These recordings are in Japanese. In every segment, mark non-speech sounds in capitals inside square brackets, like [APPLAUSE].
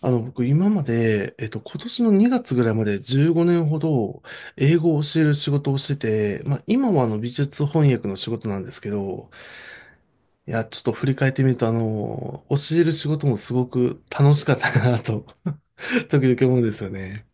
僕今まで、今年の2月ぐらいまで15年ほど英語を教える仕事をしてて、まあ今は美術翻訳の仕事なんですけど、いや、ちょっと振り返ってみると教える仕事もすごく楽しかったなと、[LAUGHS] 時々思うんですよね。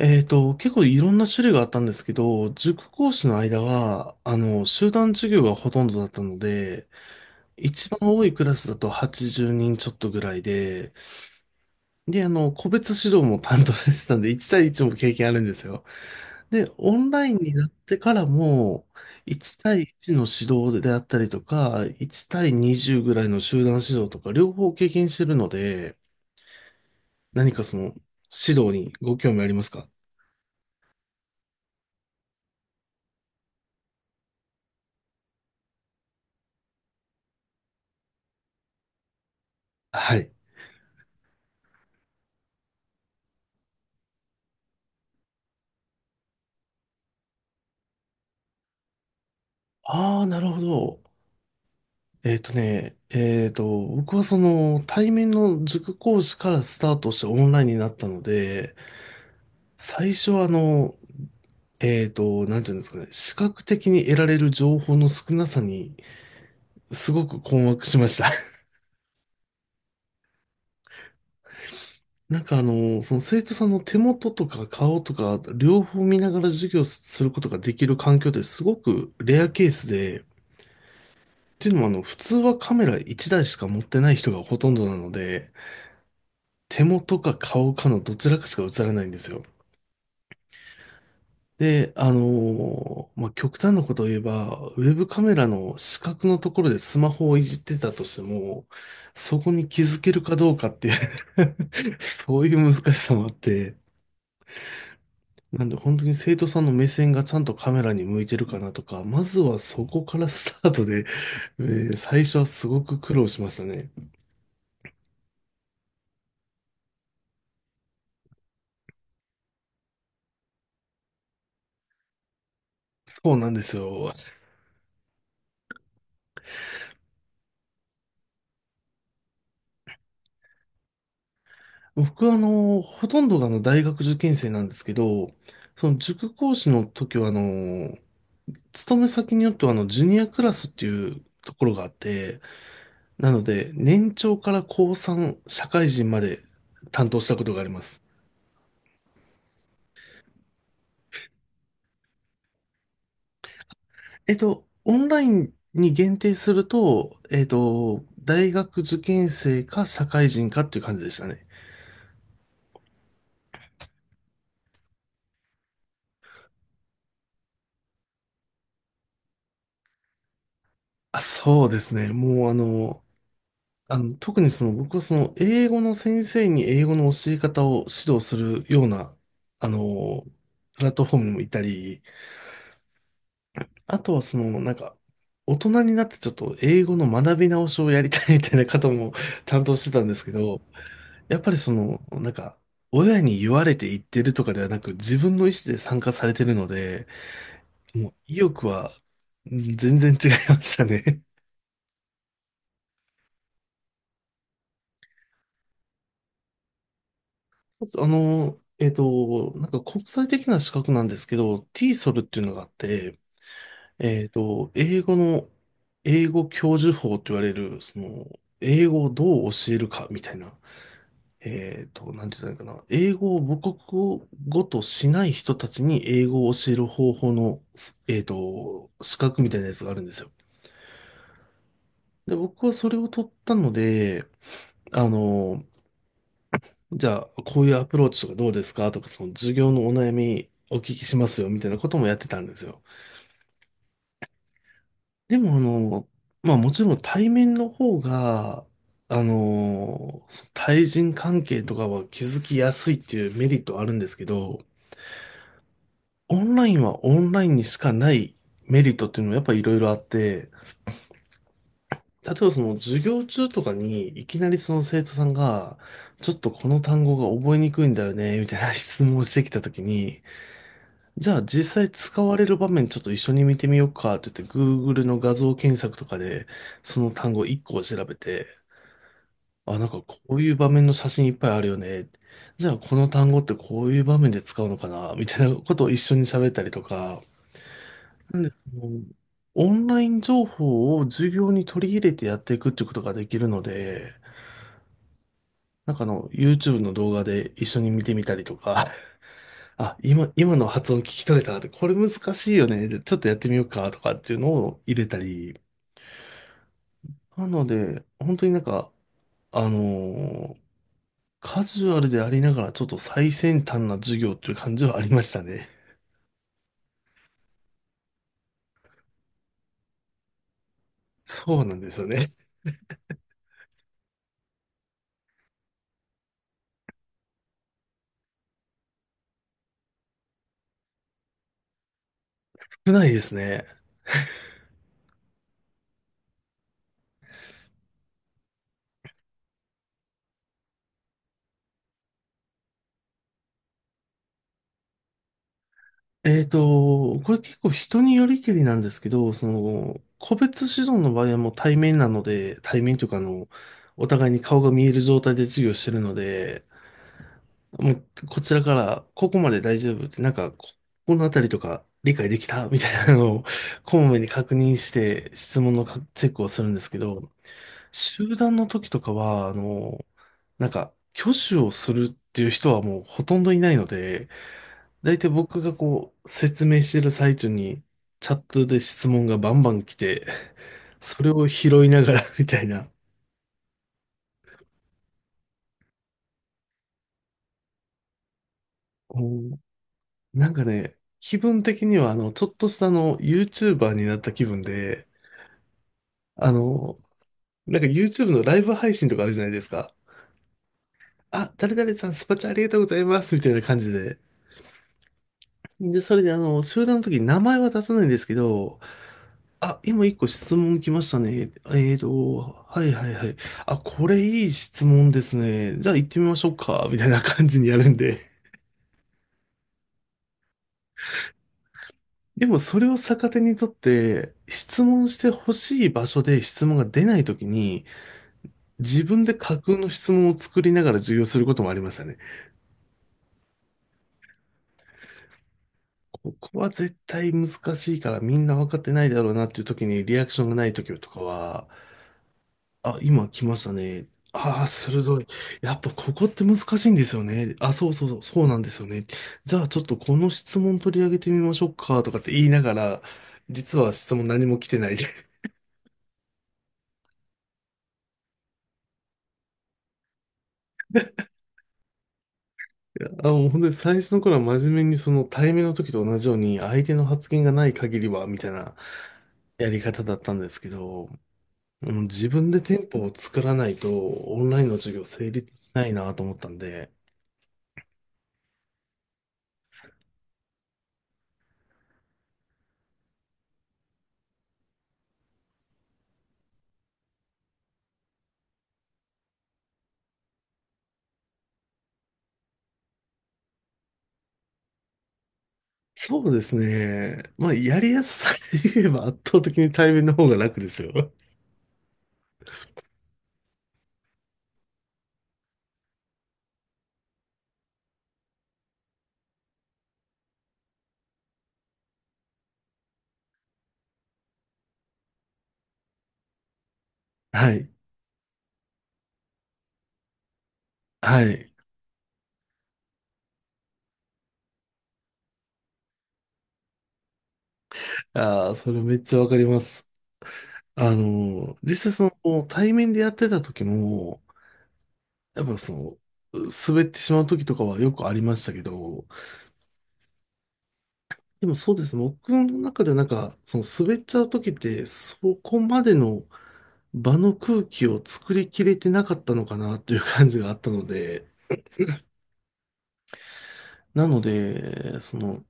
結構いろんな種類があったんですけど、塾講師の間は、集団授業がほとんどだったので、一番多いクラスだと80人ちょっとぐらいで、で、個別指導も担当してたんで、1対1も経験あるんですよ。で、オンラインになってからも、1対1の指導であったりとか、1対20ぐらいの集団指導とか、両方経験してるので、何かその、指導にご興味ありますか？はい。ああ、なるほど。えっとね、えっと、僕はその、対面の塾講師からスタートしてオンラインになったので、最初はなんていうんですかね、視覚的に得られる情報の少なさに、すごく困惑しました。[LAUGHS] なんかその生徒さんの手元とか顔とか、両方見ながら授業することができる環境ってすごくレアケースで、っていうのも普通はカメラ1台しか持ってない人がほとんどなので、手元か顔かのどちらかしか映らないんですよ。で、まあ、極端なことを言えば、ウェブカメラの死角のところでスマホをいじってたとしても、そこに気づけるかどうかっていう [LAUGHS] そういう難しさもあって、なんで本当に生徒さんの目線がちゃんとカメラに向いてるかなとか、まずはそこからスタートで、え最初はすごく苦労しましたね。そうなんですよ。僕はほとんどが大学受験生なんですけど、その塾講師の時は勤め先によっては、ジュニアクラスっていうところがあって、なので、年長から高3、社会人まで担当したことがあります。オンラインに限定すると、大学受験生か社会人かっていう感じでしたね。あ、そうですね。もう特にその僕はその英語の先生に英語の教え方を指導するような、あの、プラットフォームもいたり、あとはその、なんか、大人になってちょっと英語の学び直しをやりたいみたいな方も [LAUGHS] 担当してたんですけど、やっぱりその、なんか、親に言われて言ってるとかではなく、自分の意思で参加されてるので、もう意欲はうん全然違いましたね。[LAUGHS] なんか国際的な資格なんですけど、t ィーソルっていうのがあって、英語の、英語教授法と言われる、その、英語をどう教えるかみたいな、なんて言ったらいいかな。英語を母国語としない人たちに英語を教える方法の、資格みたいなやつがあるんですよ。で、僕はそれを取ったので、あの、じゃあ、こういうアプローチとかどうですかとか、その授業のお悩みお聞きしますよ、みたいなこともやってたんですよ。でも、まあもちろん対面の方が、あの、対人関係とかは気づきやすいっていうメリットはあるんですけど、オンラインはオンラインにしかないメリットっていうのもやっぱりいろいろあって、例えばその授業中とかにいきなりその生徒さんが、ちょっとこの単語が覚えにくいんだよね、みたいな質問をしてきたときに、じゃあ実際使われる場面ちょっと一緒に見てみようかって言って Google の画像検索とかでその単語1個を調べて、あ、なんかこういう場面の写真いっぱいあるよね。じゃあこの単語ってこういう場面で使うのかなみたいなことを一緒に喋ったりとか、でもうオンライン情報を授業に取り入れてやっていくってことができるので、なんかYouTube の動画で一緒に見てみたりとか、あ、今の発音聞き取れたって、これ難しいよね。でちょっとやってみようかとかっていうのを入れたり。なので、本当になんか、あのーカジュアルでありながらちょっと最先端な授業っていう感じはありましたね。そうなんですよね。少ないですね。これ結構人によりけりなんですけど、その、個別指導の場合はもう対面なので、対面というかお互いに顔が見える状態で授業してるので、もうこちらからここまで大丈夫って、なんかこのあたりとか理解できたみたいなのを、こまめに確認して質問のかチェックをするんですけど、集団の時とかは、なんか、挙手をするっていう人はもうほとんどいないので、大体僕がこう、説明してる最中に、チャットで質問がバンバン来て、[LAUGHS] それを拾いながら [LAUGHS] みたいな。こうなんかね、気分的には、ちょっとしたYouTuber になった気分で、あの、なんか YouTube のライブ配信とかあるじゃないですか。あ、誰々さん、スパチャありがとうございます、みたいな感じで。で、それで集団の時に名前は出さないんですけど、あ、今一個質問来ましたね。はいはいはい。あ、これいい質問ですね。じゃあ行ってみましょうか。みたいな感じにやるんで。でもそれを逆手にとって、質問してほしい場所で質問が出ないときに、自分で架空の質問を作りながら授業することもありましたね。ここは絶対難しいからみんな分かってないだろうなっていうときにリアクションがないときとかは、あ、今来ましたね。ああ、鋭い。やっぱここって難しいんですよね。あ、そうそうそう、そうなんですよね。じゃあちょっとこの質問取り上げてみましょうかとかって言いながら、実は質問何も来てない。[LAUGHS] いやあ、もう本当に最初の頃は真面目にその対面の時と同じように相手の発言がない限りは、みたいなやり方だったんですけど、うん自分でテンポを作らないとオンラインの授業成立しないなと思ったんで、そうですね。まあ、やりやすさで言えば圧倒的に対面の方が楽ですよ。[LAUGHS] はい。はい。ああ、それめっちゃわかります。実際その、対面でやってた時も、やっぱその、滑ってしまう時とかはよくありましたけど、でもそうですね。僕の中ではなんか、その滑っちゃう時って、そこまでの場の空気を作りきれてなかったのかなっていう感じがあったので、なので、その、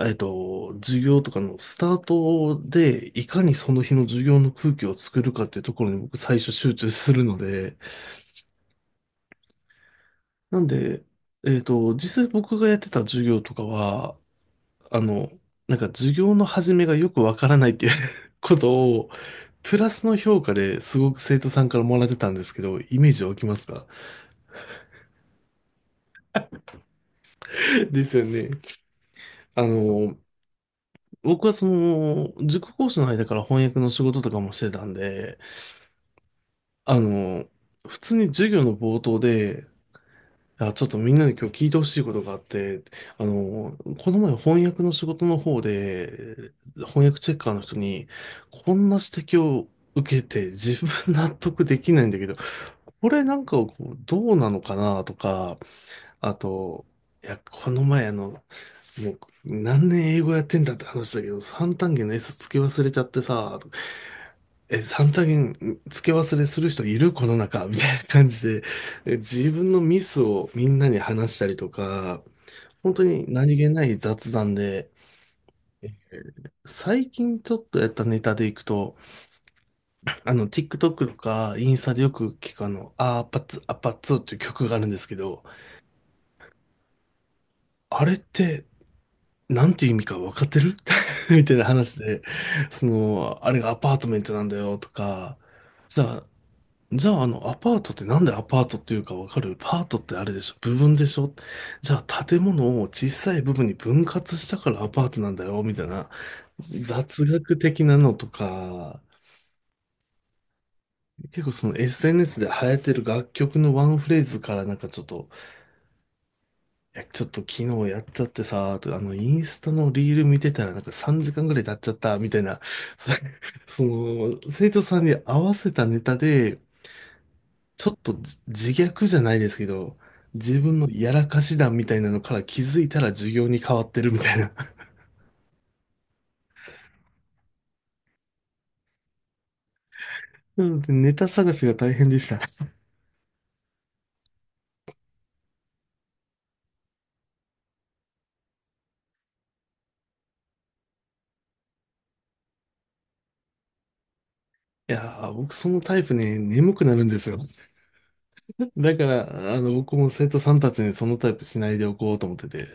授業とかのスタートで、いかにその日の授業の空気を作るかっていうところに僕最初集中するので、なんで、実際僕がやってた授業とかは、あの、なんか授業の始めがよくわからないっていう [LAUGHS] ことを、プラスの評価ですごく生徒さんからもらってたんですけど、イメージ湧きますか？ [LAUGHS] ですよね。あの、僕はその、塾講師の間から翻訳の仕事とかもしてたんで、あの、普通に授業の冒頭で、あ、ちょっとみんなに今日聞いてほしいことがあって、あの、この前翻訳の仕事の方で、翻訳チェッカーの人に、こんな指摘を受けて自分納得できないんだけど、これなんかこうどうなのかなとか、あと、いや、この前もう何年英語やってんだって話だけど、三単元の S つき忘れちゃってさ、え、三多元付け忘れする人いるこの中みたいな感じで、自分のミスをみんなに話したりとか、本当に何気ない雑談で、最近ちょっとやったネタでいくと、TikTok とかインスタでよく聞くアパッツっていう曲があるんですけど、あれって、なんていう意味か分かってる [LAUGHS] みたいな話で、その、あれがアパートメントなんだよとか、じゃあ、じゃあ、アパートってなんでアパートっていうかわかる？パートってあれでしょ？部分でしょ？じゃあ、建物を小さい部分に分割したからアパートなんだよ、みたいな雑学的なのとか、結構その SNS で流行ってる楽曲のワンフレーズからなんかちょっと、いや、ちょっと昨日やっちゃってさ、とかインスタのリール見てたらなんか3時間ぐらい経っちゃった、みたいな、そ [LAUGHS] その、生徒さんに合わせたネタで、ちょっと自虐じゃないですけど、自分のやらかし談みたいなのから気づいたら授業に変わってるみたいな。[LAUGHS] なので [LAUGHS] ネタ探しが大変でした。[LAUGHS] いやー、僕そのタイプね、眠くなるんですよ。だから、僕も生徒さんたちにそのタイプしないでおこうと思ってて。